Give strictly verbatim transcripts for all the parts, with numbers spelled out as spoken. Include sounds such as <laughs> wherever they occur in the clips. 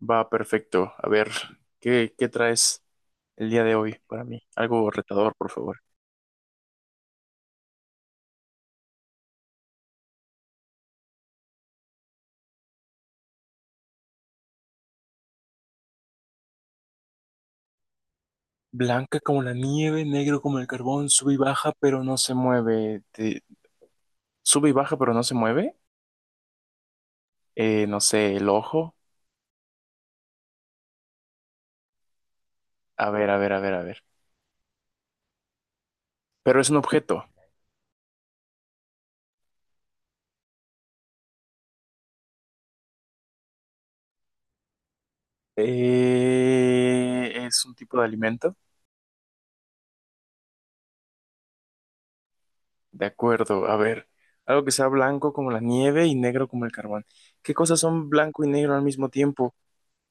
Va perfecto. A ver, ¿qué, qué traes el día de hoy para mí? Algo retador, por favor. Blanca como la nieve, negro como el carbón, sube y baja, pero no se mueve. Te- Sube y baja, pero no se mueve. Eh, no sé, el ojo. A ver, a ver, a ver, a ver. Pero es un objeto. Eh, es un tipo de alimento. De acuerdo, a ver. Algo que sea blanco como la nieve y negro como el carbón. ¿Qué cosas son blanco y negro al mismo tiempo?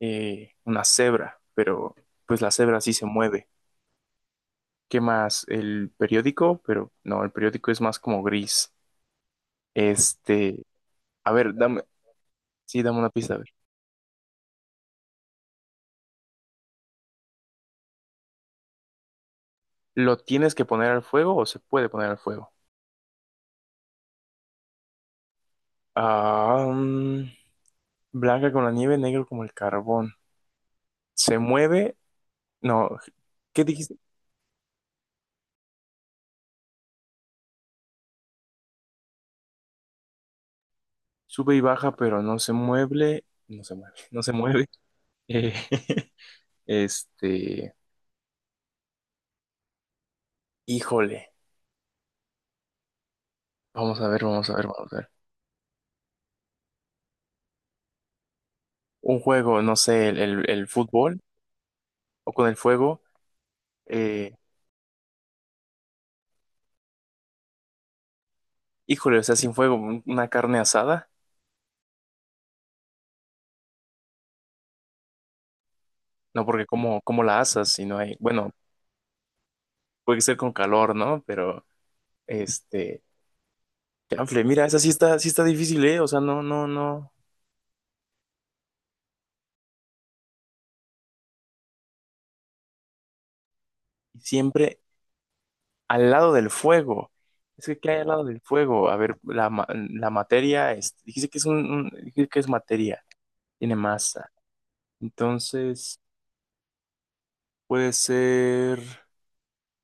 Eh, una cebra, pero pues la cebra sí se mueve. ¿Qué más? El periódico, pero no, el periódico es más como gris. Este, a ver, dame, sí, dame una pista, a ver. ¿Lo tienes que poner al fuego o se puede poner al fuego? Ah, mm, blanca con la nieve, negro como el carbón. Se mueve, no, ¿qué dijiste? Sube y baja, pero no se mueve, no se mueve, no se mueve. Eh, <laughs> este, híjole, vamos a ver, vamos a ver, vamos a ver. Un juego, no sé, el, el- el fútbol o con el fuego. eh, Híjole, o sea, sin fuego, un- una carne asada, no porque como, como la asas, sino hay, bueno, puede ser con calor, ¿no? Pero, este, chanfle, mira, esa sí está, sí está difícil, ¿eh? O sea, no, no, no, siempre al lado del fuego. Es que, ¿qué hay al lado del fuego? A ver, la, ma- la materia, es, dijiste que es un, un- dijiste que es materia, tiene masa. Entonces, puede ser,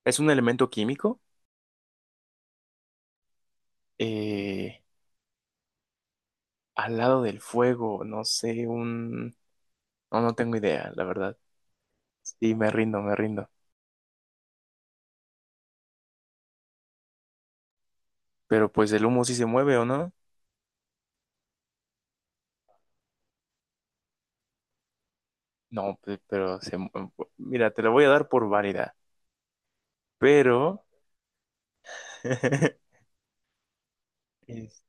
es un elemento químico, eh, al lado del fuego, no sé, un, no, no tengo idea, la verdad. Sí, me rindo, me rindo. Pero pues el humo sí se mueve, ¿o no? No, pe- pero se... mu- mira, te la voy a dar por válida. Pero... <laughs> es-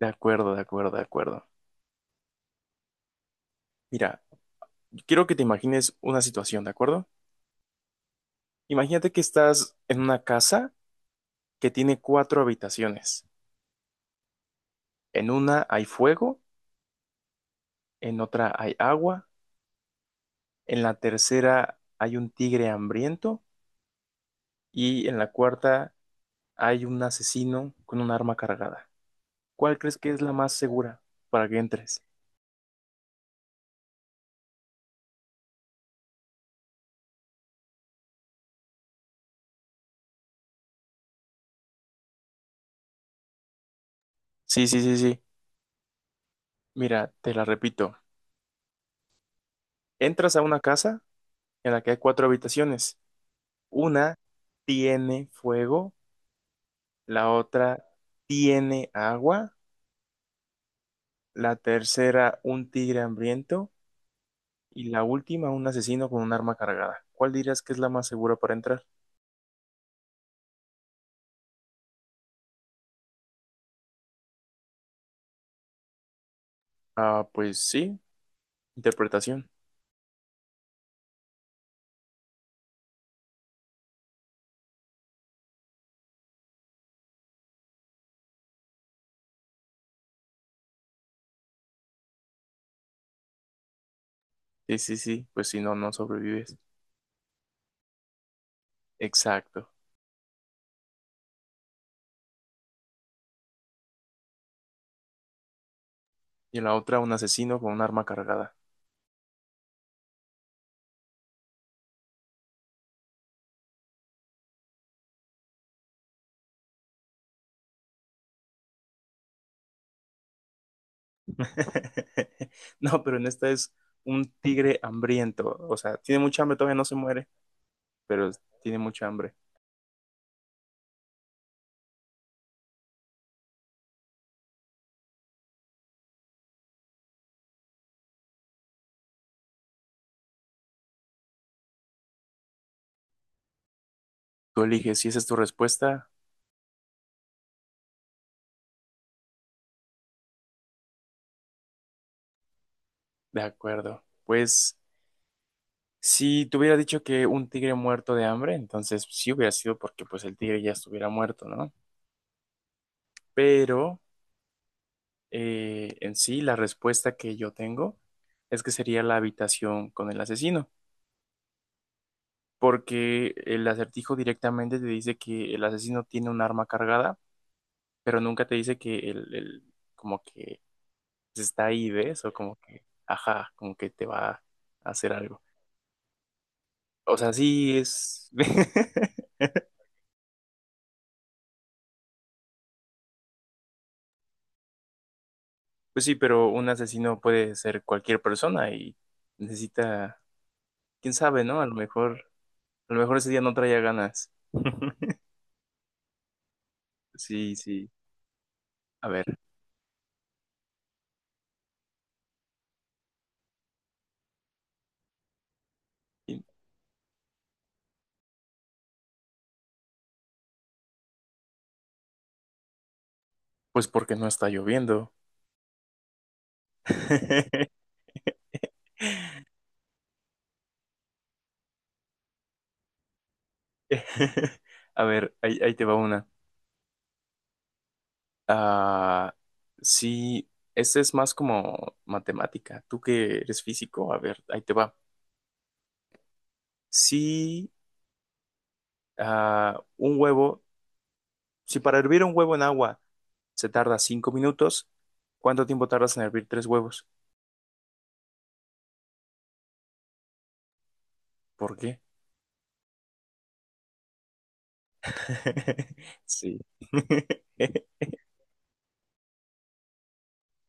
De acuerdo, de acuerdo, de acuerdo. Mira, quiero que te imagines una situación, ¿de acuerdo? Imagínate que estás en una casa que tiene cuatro habitaciones. En una hay fuego, en otra hay agua, en la tercera hay un tigre hambriento y en la cuarta hay un asesino con un arma cargada. ¿Cuál crees que es la más segura para que entres? Sí, sí, sí, sí. Mira, te la repito. Entras a una casa en la que hay cuatro habitaciones. Una tiene fuego, la otra tiene agua, la tercera un tigre hambriento y la última un asesino con un arma cargada. ¿Cuál dirías que es la más segura para entrar? Ah, pues sí, interpretación. Sí, sí, sí, pues si no, no sobrevives. Exacto. Y en la otra un asesino con un arma cargada. <laughs> No, pero en esta es un tigre hambriento. O sea, tiene mucha hambre, todavía no se muere, pero tiene mucha hambre. Tú eliges si esa es tu respuesta. De acuerdo. Pues si te hubiera dicho que un tigre muerto de hambre, entonces sí hubiera sido porque pues el tigre ya estuviera muerto, ¿no? Pero eh, en sí la respuesta que yo tengo es que sería la habitación con el asesino, porque el acertijo directamente te dice que el asesino tiene un arma cargada pero nunca te dice que el, el- como que está ahí, ¿ves? O como que, ajá, como que te va a hacer algo. O sea, sí es... <laughs> Pues sí, pero un asesino puede ser cualquier persona y necesita, quién sabe, ¿no? A lo mejor, a lo mejor ese día no traía ganas. Sí, sí. A ver, y- pues porque no está lloviendo. <laughs> A ver, ahí, ahí te va una. Ah, sí, este es más como matemática. Tú que eres físico, a ver, ahí te va. Si ah, un huevo, si para hervir un huevo en agua se tarda cinco minutos, ¿cuánto tiempo tardas en hervir tres huevos? ¿Por qué? <laughs> Sí.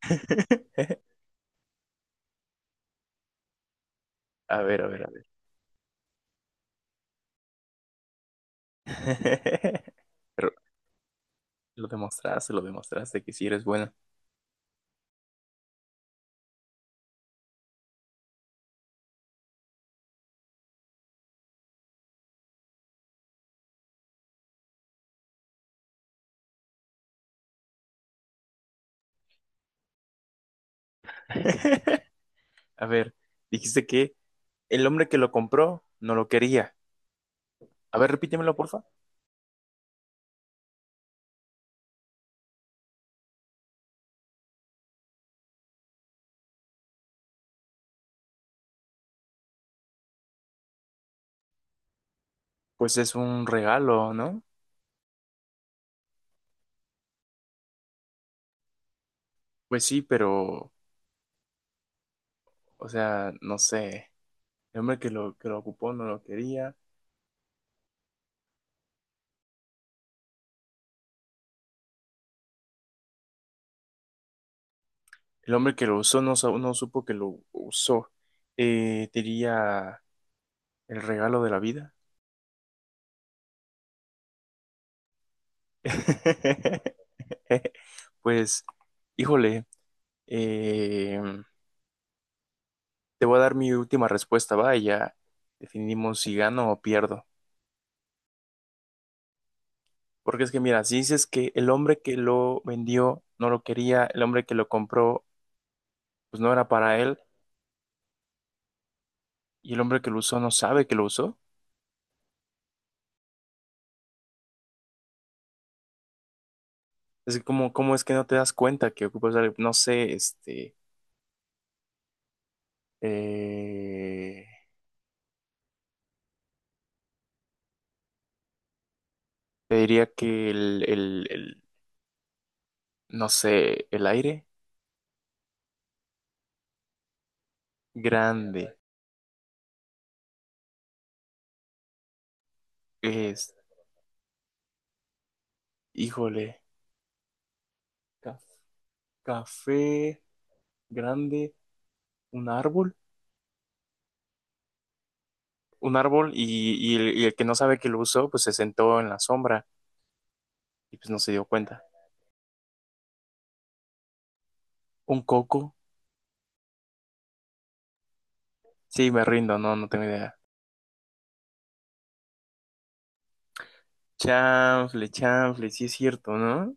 <laughs> A ver, a ver, a ver. <laughs> Pero lo demostraste, lo demostraste que sí eres bueno. <laughs> A ver, dijiste que el hombre que lo compró no lo quería. A ver, repítemelo, porfa. Pues es un regalo, ¿no? Pues sí, pero, o sea, no sé. El hombre que lo, que lo ocupó no lo quería. El hombre que lo usó no, sa- no supo que lo usó. Eh, diría el regalo de la vida. <laughs> Pues, híjole, eh, te voy a dar mi última respuesta, va, y ya definimos si gano o pierdo. Porque es que, mira, si dices que el hombre que lo vendió no lo quería, el hombre que lo compró pues no era para él y el hombre que lo usó no sabe que lo usó. Es como, ¿cómo es que no te das cuenta que ocupas algo? No sé, este, eh, te diría que el, el, el, no sé, el aire grande es, híjole, ca- café grande, un árbol, un árbol y, y el, y el que no sabe que lo usó, pues se sentó en la sombra y pues no se dio cuenta. Un coco, sí, me rindo, no, no tengo idea. Chanfle, chanfle, sí es cierto, ¿no?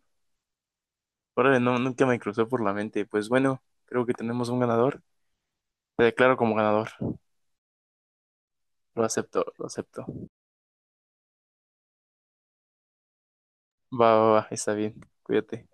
Órale, no, nunca me cruzó por la mente. Pues bueno, creo que tenemos un ganador. Te declaro como ganador. Lo acepto, lo acepto. Va, va, va, está bien. Cuídate.